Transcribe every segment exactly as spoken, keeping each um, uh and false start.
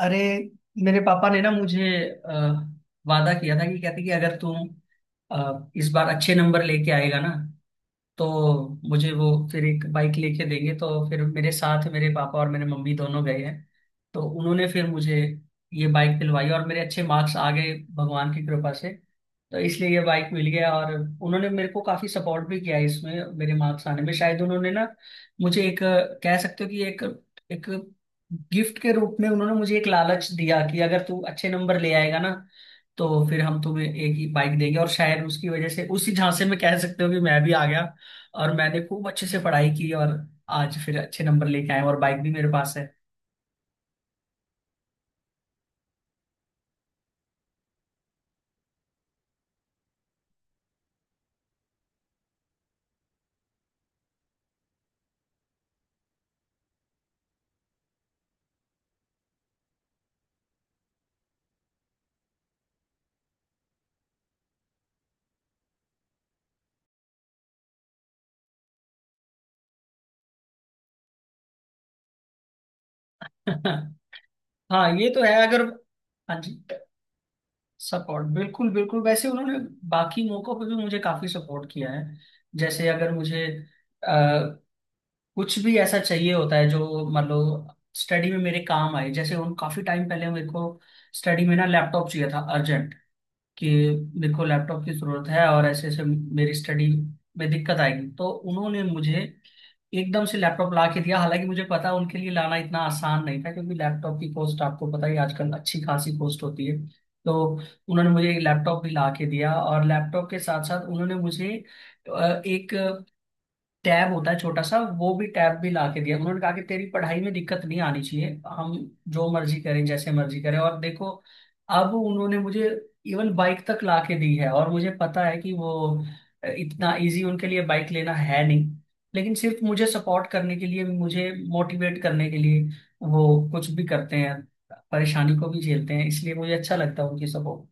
अरे, मेरे पापा ने ना मुझे अ, वादा किया था, कि कहते कि अगर तुम अ, इस बार अच्छे नंबर लेके आएगा ना तो मुझे वो फिर एक बाइक लेके देंगे। तो फिर मेरे साथ मेरे पापा और मेरे मम्मी दोनों गए हैं, तो उन्होंने फिर मुझे ये बाइक दिलवाई और मेरे अच्छे मार्क्स आ गए भगवान की कृपा से। तो इसलिए ये बाइक मिल गया, और उन्होंने मेरे को काफी सपोर्ट भी किया इसमें। मेरे मार्क्स आने में शायद उन्होंने ना मुझे एक अ, कह सकते हो कि एक एक गिफ्ट के रूप में उन्होंने मुझे एक लालच दिया कि अगर तू अच्छे नंबर ले आएगा ना तो फिर हम तुम्हें एक ही बाइक देंगे, और शायद उसकी वजह से उसी झांसे में कह सकते हो कि मैं भी आ गया, और मैंने खूब अच्छे से पढ़ाई की, और आज फिर अच्छे नंबर लेके आए और बाइक भी मेरे पास है। हाँ, ये तो है अगर। हाँ जी। सपोर्ट बिल्कुल बिल्कुल, वैसे उन्होंने बाकी मौकों पे भी मुझे काफी सपोर्ट किया है। जैसे अगर मुझे अ, कुछ भी ऐसा चाहिए होता है जो मान लो स्टडी में मेरे काम आए। जैसे उन काफी टाइम पहले मेरे को स्टडी में ना लैपटॉप चाहिए था अर्जेंट, कि मेरे को लैपटॉप की जरूरत है और ऐसे ऐसे मेरी स्टडी में दिक्कत आएगी, तो उन्होंने मुझे एकदम से लैपटॉप ला के दिया। हालांकि मुझे पता उनके लिए लाना इतना आसान नहीं था, क्योंकि लैपटॉप की कॉस्ट आपको पता ही, आजकल अच्छी खासी कॉस्ट होती है। तो उन्होंने मुझे एक लैपटॉप भी ला के दिया और लैपटॉप के साथ साथ उन्होंने मुझे अ, एक टैब होता है छोटा सा, वो भी टैब भी ला के दिया। उन्होंने कहा कि तेरी पढ़ाई में दिक्कत नहीं आनी चाहिए, हम जो मर्जी करें जैसे मर्जी करें। और देखो, अब उन्होंने मुझे इवन बाइक तक ला के दी है, और मुझे पता है कि वो इतना इजी उनके लिए बाइक लेना है नहीं। लेकिन सिर्फ मुझे सपोर्ट करने के लिए, मुझे मोटिवेट करने के लिए वो कुछ भी करते हैं, परेशानी को भी झेलते हैं। इसलिए मुझे अच्छा लगता है उनकी सपोर्ट।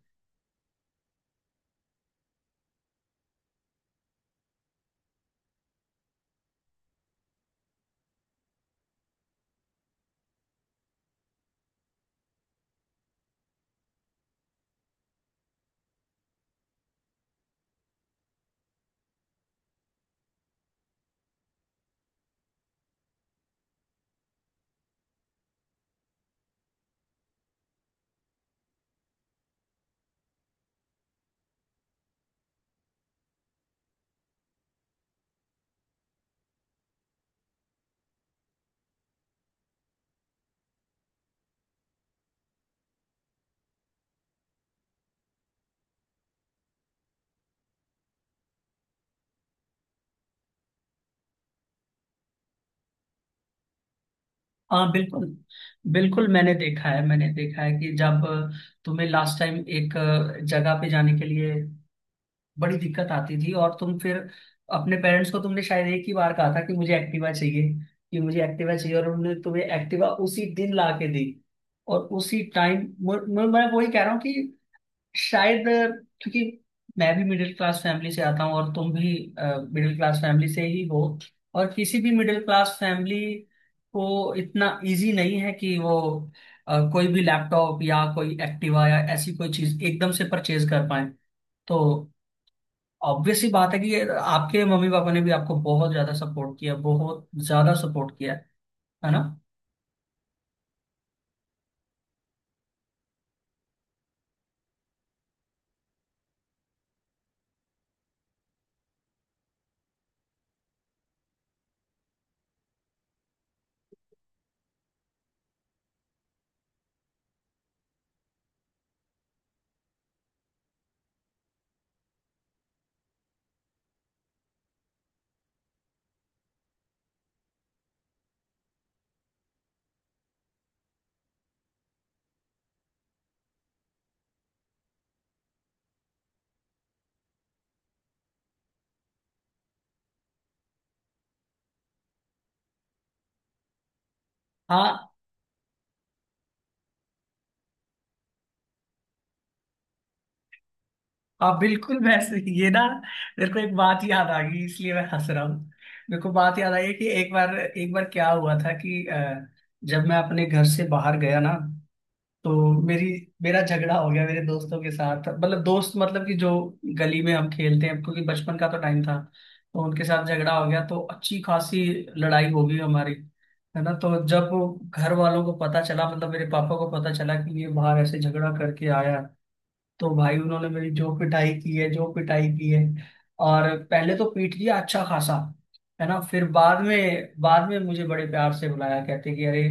हाँ बिल्कुल बिल्कुल, मैंने देखा है, मैंने देखा है कि जब तुम्हें लास्ट टाइम एक जगह पे जाने के लिए बड़ी दिक्कत आती थी, और तुम फिर अपने पेरेंट्स को, तुमने शायद एक ही बार कहा था कि मुझे एक्टिवा चाहिए, कि मुझे एक्टिवा चाहिए, और उन्होंने तुम्हें एक्टिवा उसी दिन ला के दी। और उसी टाइम मैं मैं वही कह रहा हूँ कि शायद, क्योंकि मैं भी मिडिल क्लास फैमिली से आता हूँ, और तुम भी मिडिल क्लास फैमिली से ही हो। और किसी भी मिडिल क्लास फैमिली को इतना इजी नहीं है कि वो अ, कोई भी लैपटॉप या कोई एक्टिवा या ऐसी कोई चीज एकदम से परचेज कर पाए। तो ऑब्वियस सी बात है कि ये आपके मम्मी पापा ने भी आपको बहुत ज्यादा सपोर्ट किया, बहुत ज्यादा सपोर्ट किया, है ना? हाँ आप बिल्कुल वैसे ही- ये ना, मेरे को एक बात याद आ गई, इसलिए मैं हंस रहा हूँ। मेरे को बात याद आई कि एक बार, एक बार क्या हुआ था कि अ, जब मैं अपने घर से बाहर गया ना, तो मेरी मेरा झगड़ा हो गया मेरे दोस्तों के साथ। मतलब दोस्त, मतलब कि जो गली में हम खेलते हैं, क्योंकि बचपन का तो टाइम था। तो उनके साथ झगड़ा हो गया, तो अच्छी खासी लड़ाई हो गई हमारी, है ना। तो जब वो घर वालों को पता चला, मतलब मेरे पापा को पता चला कि ये बाहर ऐसे झगड़ा करके आया, तो भाई उन्होंने मेरी जो पिटाई की है, जो पिटाई की है। और पहले तो पीट दिया अच्छा खासा, है ना। फिर बाद में बाद में मुझे बड़े प्यार से बुलाया, कहते कि अरे,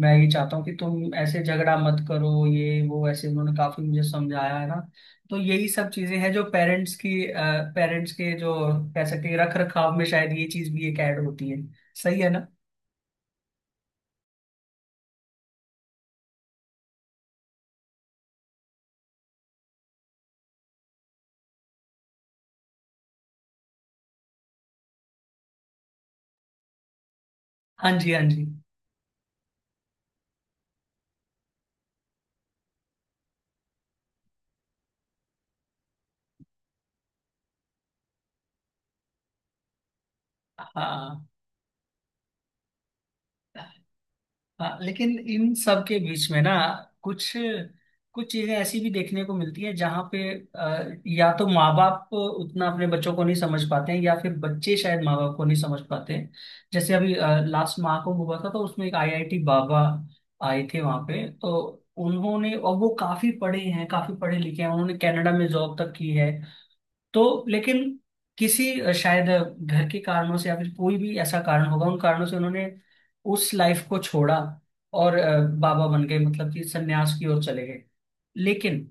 मैं ये चाहता हूँ कि तुम ऐसे झगड़ा मत करो, ये वो ऐसे उन्होंने काफी मुझे समझाया, है ना। तो यही सब चीजें हैं जो पेरेंट्स की पेरेंट्स के जो कह सकते हैं रख रखाव में शायद ये चीज भी एक ऐड होती है। सही है ना। हाँ जी, हाँ जी। हाँ हाँ, लेकिन इन सब के बीच में ना कुछ कुछ चीजें ऐसी भी देखने को मिलती है, जहाँ पे अ, या तो माँ बाप उतना अपने बच्चों को नहीं समझ पाते हैं, या फिर बच्चे शायद माँ बाप को नहीं समझ पाते हैं। जैसे अभी लास्ट माह को हुआ था, तो उसमें एक आई आई टी बाबा आए थे वहाँ पे। तो उन्होंने, और वो काफी पढ़े हैं, काफी पढ़े लिखे हैं, उन्होंने कनाडा में जॉब तक की है। तो लेकिन किसी अ, शायद घर के कारणों से या फिर कोई भी ऐसा कारण होगा, उन कारणों से उन्होंने उस लाइफ को छोड़ा और अ, बाबा बन गए, मतलब कि सन्यास की ओर चले गए। लेकिन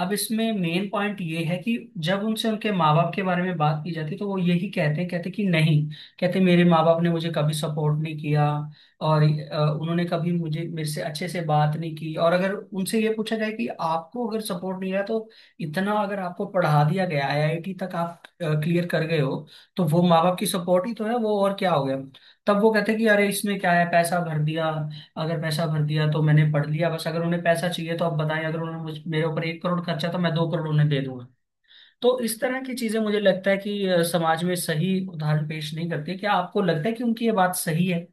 अब इसमें मेन पॉइंट ये है कि जब उनसे उनके माँ बाप के बारे में बात की जाती है, तो वो यही कहते हैं, कहते कि नहीं, कहते मेरे माँ बाप ने मुझे कभी सपोर्ट नहीं किया। और अ, उन्होंने कभी मुझे, मेरे से अच्छे से बात नहीं की। और अगर उनसे ये पूछा जाए कि आपको अगर सपोर्ट नहीं रहा, तो इतना अगर आपको पढ़ा दिया गया, आई आई टी तक आप क्लियर कर गए हो, तो वो माँ बाप की सपोर्ट ही तो है, वो और क्या हो गया। तब वो कहते कि अरे इसमें क्या है, पैसा भर दिया। अगर पैसा भर दिया तो मैंने पढ़ लिया, बस। अगर उन्हें पैसा चाहिए तो आप बताएं, अगर उन्होंने मुझ मेरे ऊपर एक करोड़ खर्चा तो मैं दो करोड़ उन्हें दे दूंगा। तो इस तरह की चीजें मुझे लगता है कि अ, समाज में सही उदाहरण पेश नहीं करती। क्या आपको लगता है कि उनकी ये बात सही है?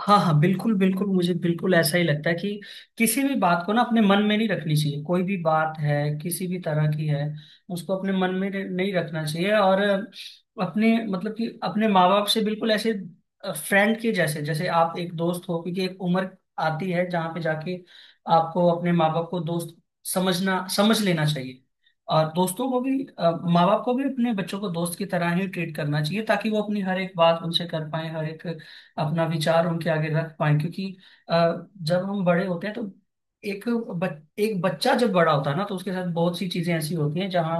हाँ हाँ, बिल्कुल बिल्कुल, मुझे बिल्कुल ऐसा ही लगता है कि किसी भी बात को ना अपने मन में नहीं रखनी चाहिए, कोई भी बात है, किसी भी तरह की है। उसको अपने मन में र- नहीं रखना चाहिए। और अपने, मतलब कि अपने माँ बाप से बिल्कुल ऐसे फ्रेंड के जैसे, जैसे आप एक दोस्त हो। क्योंकि एक उम्र आती है जहाँ पे जाके आपको अपने माँ बाप को दोस्त समझना समझ लेना चाहिए। और दोस्तों को भी माँ बाप को भी अपने बच्चों को दोस्त की तरह ही ट्रीट करना चाहिए, ताकि वो अपनी हर एक बात उनसे कर पाए, हर एक अपना विचार उनके आगे रख पाए। क्योंकि अ, जब हम बड़े होते हैं तो एक बच, एक बच्चा जब बड़ा होता है ना, तो उसके साथ बहुत सी चीजें ऐसी होती हैं जहाँ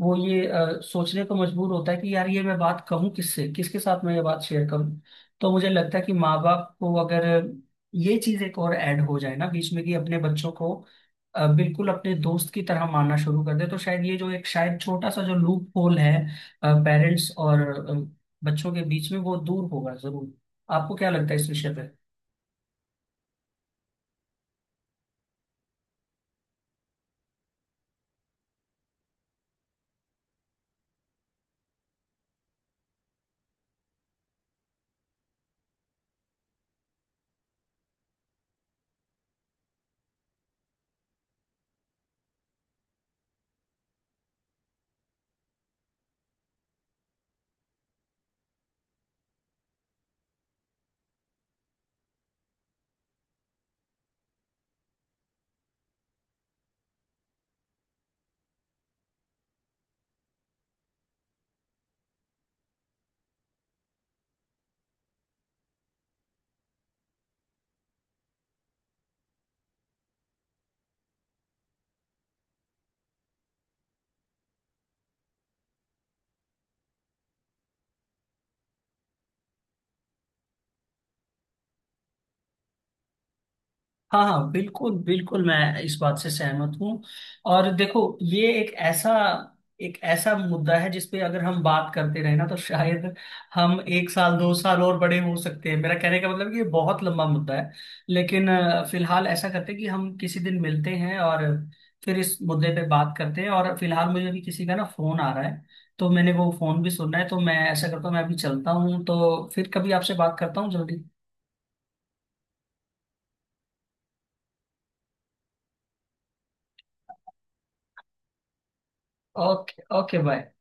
वो ये अ, सोचने को मजबूर होता है कि यार ये मैं बात कहूँ किससे, किसके साथ मैं ये बात शेयर करूँ। तो मुझे लगता है कि माँ बाप को अगर ये चीज एक और ऐड हो जाए ना बीच में, कि अपने बच्चों को अ, बिल्कुल अपने दोस्त की तरह मानना शुरू कर दे, तो शायद ये जो एक शायद छोटा सा जो लूप होल है पेरेंट्स और अ, बच्चों के बीच में, वो दूर होगा जरूर। आपको क्या लगता है इस विषय पे? हाँ हाँ, बिल्कुल बिल्कुल, मैं इस बात से सहमत हूँ। और देखो, ये एक ऐसा एक ऐसा मुद्दा है जिसपे अगर हम बात करते रहे ना तो शायद हम एक साल दो साल और बड़े हो सकते हैं। मेरा कहने का मतलब है कि ये बहुत लंबा मुद्दा है। लेकिन अ, फिलहाल ऐसा करते हैं कि हम किसी दिन मिलते हैं और फिर इस मुद्दे पे बात करते हैं। और फिलहाल मुझे अभी किसी का ना फोन आ रहा है, तो मैंने वो फोन भी सुनना है। तो मैं ऐसा करता हूँ, मैं अभी चलता हूँ, तो फिर कभी आपसे बात करता हूँ जल्दी। Okay, okay, bye.